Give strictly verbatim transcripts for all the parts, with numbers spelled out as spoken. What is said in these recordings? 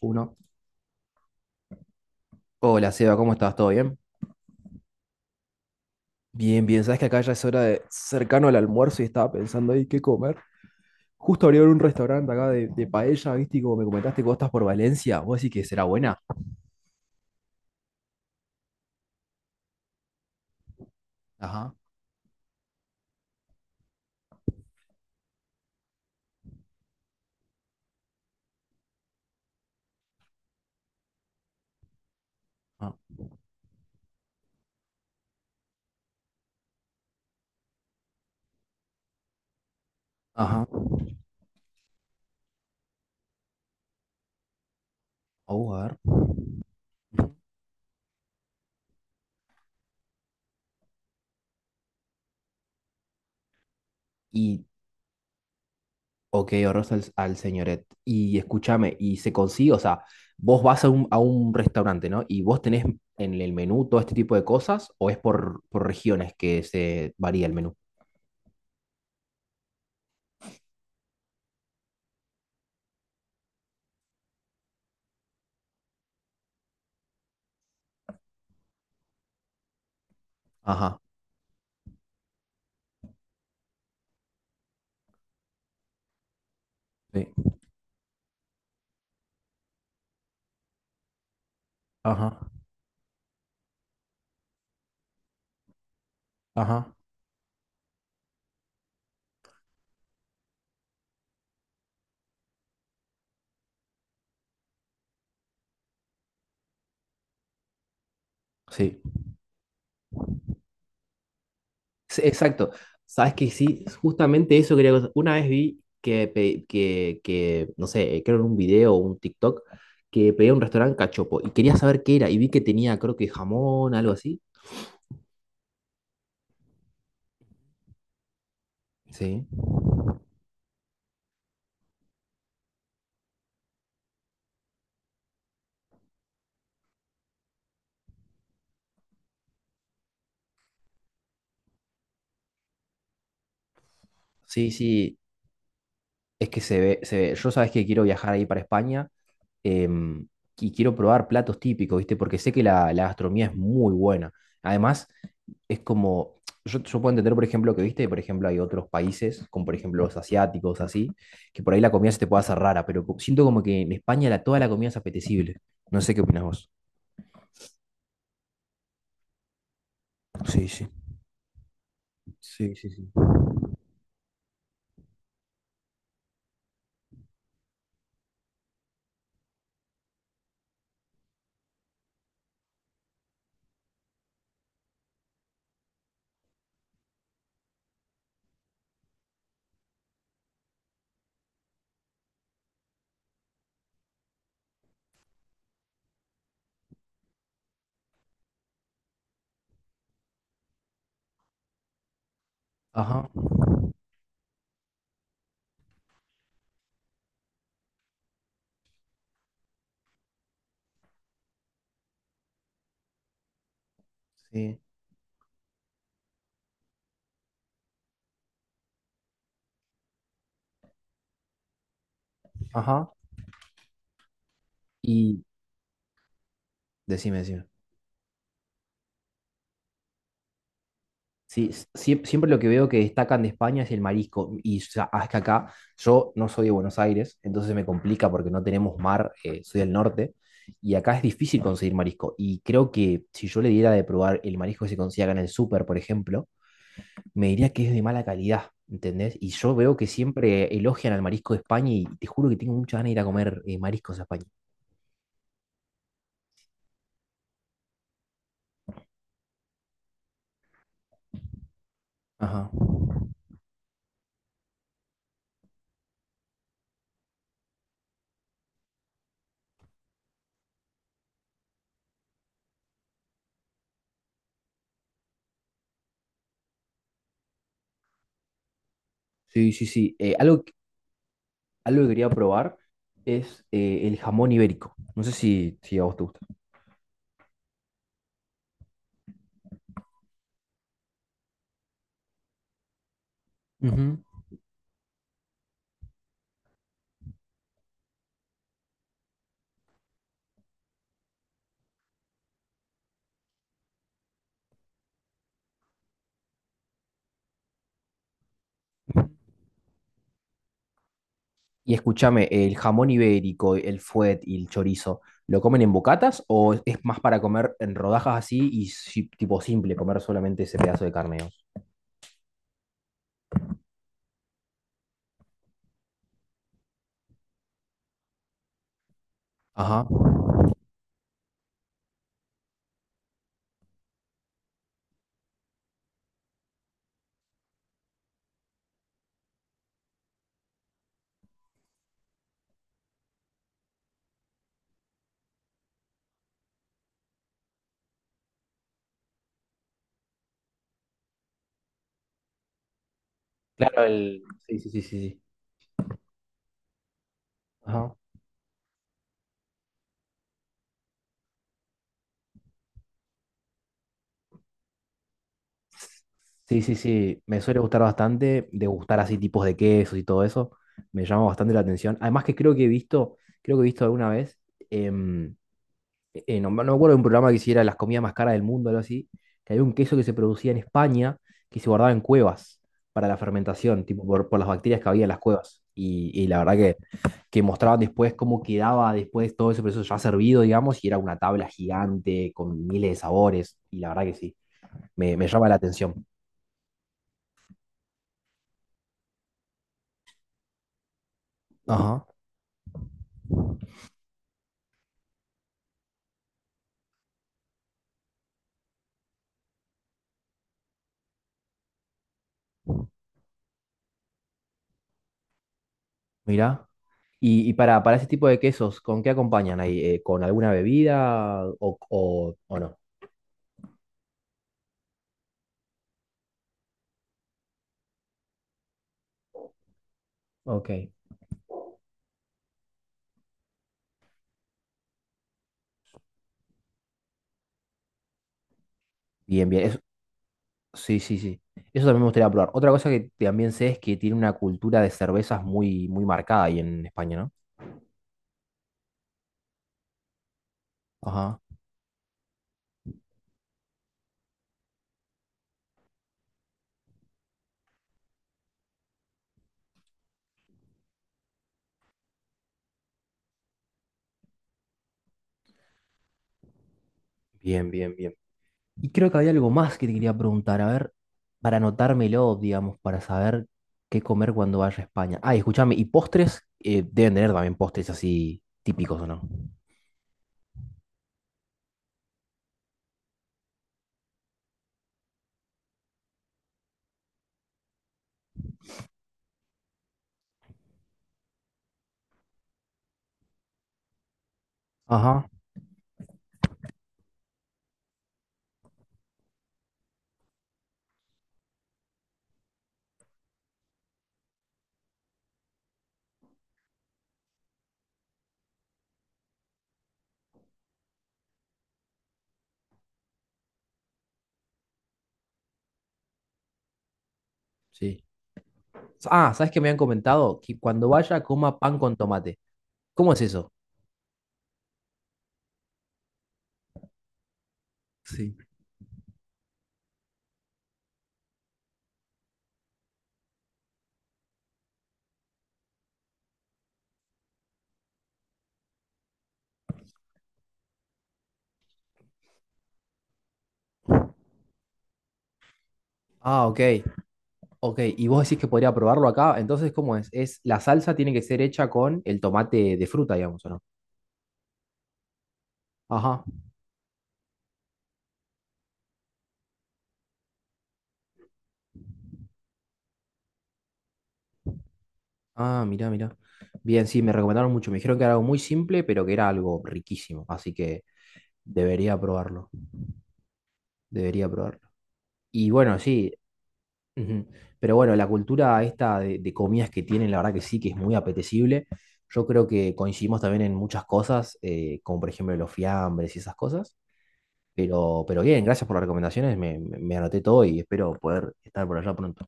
Uno. Hola, Seba, ¿cómo estás? ¿Todo bien? Bien, bien. Sabes que acá ya es hora de cercano al almuerzo y estaba pensando ahí qué comer. Justo abrieron un restaurante acá de, de paella, ¿viste? Y como me comentaste que vos estás por Valencia, vos decís que será buena. Ajá. Ah, ajá. Vamos a ver. Ujú. Y, ok, ahorras al, al señoret. Y escúchame, y se consigue, o sea, vos vas a un, a un restaurante, ¿no? Y vos tenés en el menú todo este tipo de cosas, o es por, por regiones que se varía el menú. Ajá. Sí. Ajá. Ajá. Sí, sí, exacto. Sabes que sí, justamente eso quería. Una vez vi que, pe- que, que, no sé, creo en un video o un TikTok, que pedía un restaurante cachopo y quería saber qué era y vi que tenía, creo que jamón, algo así. Sí, sí, sí. Es que se ve, se ve. Yo sabes que quiero viajar ahí para España em, y quiero probar platos típicos, ¿viste? Porque sé que la, la gastronomía es muy buena. Además, es como, yo, yo puedo entender, por ejemplo, que, ¿viste? Por ejemplo, hay otros países, como por ejemplo los asiáticos, así, que por ahí la comida se te puede hacer rara, pero co- siento como que en España la, toda la comida es apetecible. No sé qué opinas vos. Sí, sí, sí, sí, sí. Ajá. Sí. Ajá. Y decime, decime. Sí, s- siem- siempre lo que veo que destacan de España es el marisco. Y ya- es que acá yo no soy de Buenos Aires, entonces me complica porque no tenemos mar, eh, soy del norte, y acá es difícil conseguir marisco. Y creo que si yo le diera de probar el marisco que se consigue acá en el súper, por ejemplo, me diría que es de mala calidad, ¿entendés? Y yo veo que siempre elogian al marisco de España y te juro que tengo muchas ganas de ir a comer eh, mariscos a España. Ajá. Sí, sí, sí. Eh, algo, que- algo que quería probar es eh, el jamón ibérico. No sé si, si a vos te gusta. Ujú. Y escúchame, ¿el jamón ibérico, el fuet y el chorizo, lo comen en bocatas o es más para comer en rodajas así y si- tipo simple, comer solamente ese pedazo de carne, digamos? Ajá. Claro, el... Sí, sí, sí, sí, sí. Ajá. Sí, sí, sí, me suele gustar bastante degustar así tipos de quesos y todo eso, me llama bastante la atención. Además que creo que he visto, creo que he visto alguna vez em, eh, no, me no me acuerdo de un programa que hiciera las comidas más caras del mundo, algo así, que había un queso que se producía en España que se guardaba en cuevas para la fermentación, tipo por, por las bacterias que había en las cuevas. Y, y la verdad que, que mostraban después cómo quedaba después todo ese proceso ya servido, digamos, y era una tabla gigante con miles de sabores. Y la verdad que sí, me, me llama la atención. Ajá, mira. Y, y para, para ese tipo de quesos, ¿con qué acompañan ahí? Eh, ¿con alguna bebida o, o- o no? Ok. Bien, bien. Es, sí, sí, sí. Eso también me gustaría probar. Otra cosa que también sé es que tiene una cultura de cervezas muy, muy marcada ahí en España, ¿no? Ajá. Bien, bien, bien. Y creo que había algo más que te quería preguntar, a ver, para anotármelo, digamos, para saber qué comer cuando vaya a España. Ah, y escúchame, y postres, eh, deben tener también postres así típicos, ¿o no? Ajá, sí. Ah, ¿sabes qué me han comentado? Que cuando vaya coma pan con tomate. ¿Cómo es eso? Sí. Ah, ok. Ok, y vos decís que podría probarlo acá, entonces, ¿cómo es? Es la salsa tiene que ser hecha con el tomate de fruta, digamos, ¿o no? Ajá. Ah, mirá, mirá. Bien, sí, me recomendaron mucho. Me dijeron que era algo muy simple, pero que era algo riquísimo, así que debería probarlo. Debería probarlo. Y bueno, sí. Ujú. Pero bueno, la cultura esta de, de comidas que tienen, la verdad que sí, que es muy apetecible. Yo creo que coincidimos también en muchas cosas, eh, como por ejemplo los fiambres y esas cosas. Pero, pero bien, gracias por las recomendaciones. Me, me- me anoté todo y espero poder estar por allá pronto.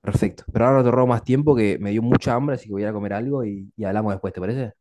Perfecto. Pero ahora no te robo más tiempo que me dio mucha hambre, así que voy a ir a comer algo y, y hablamos después, ¿te parece?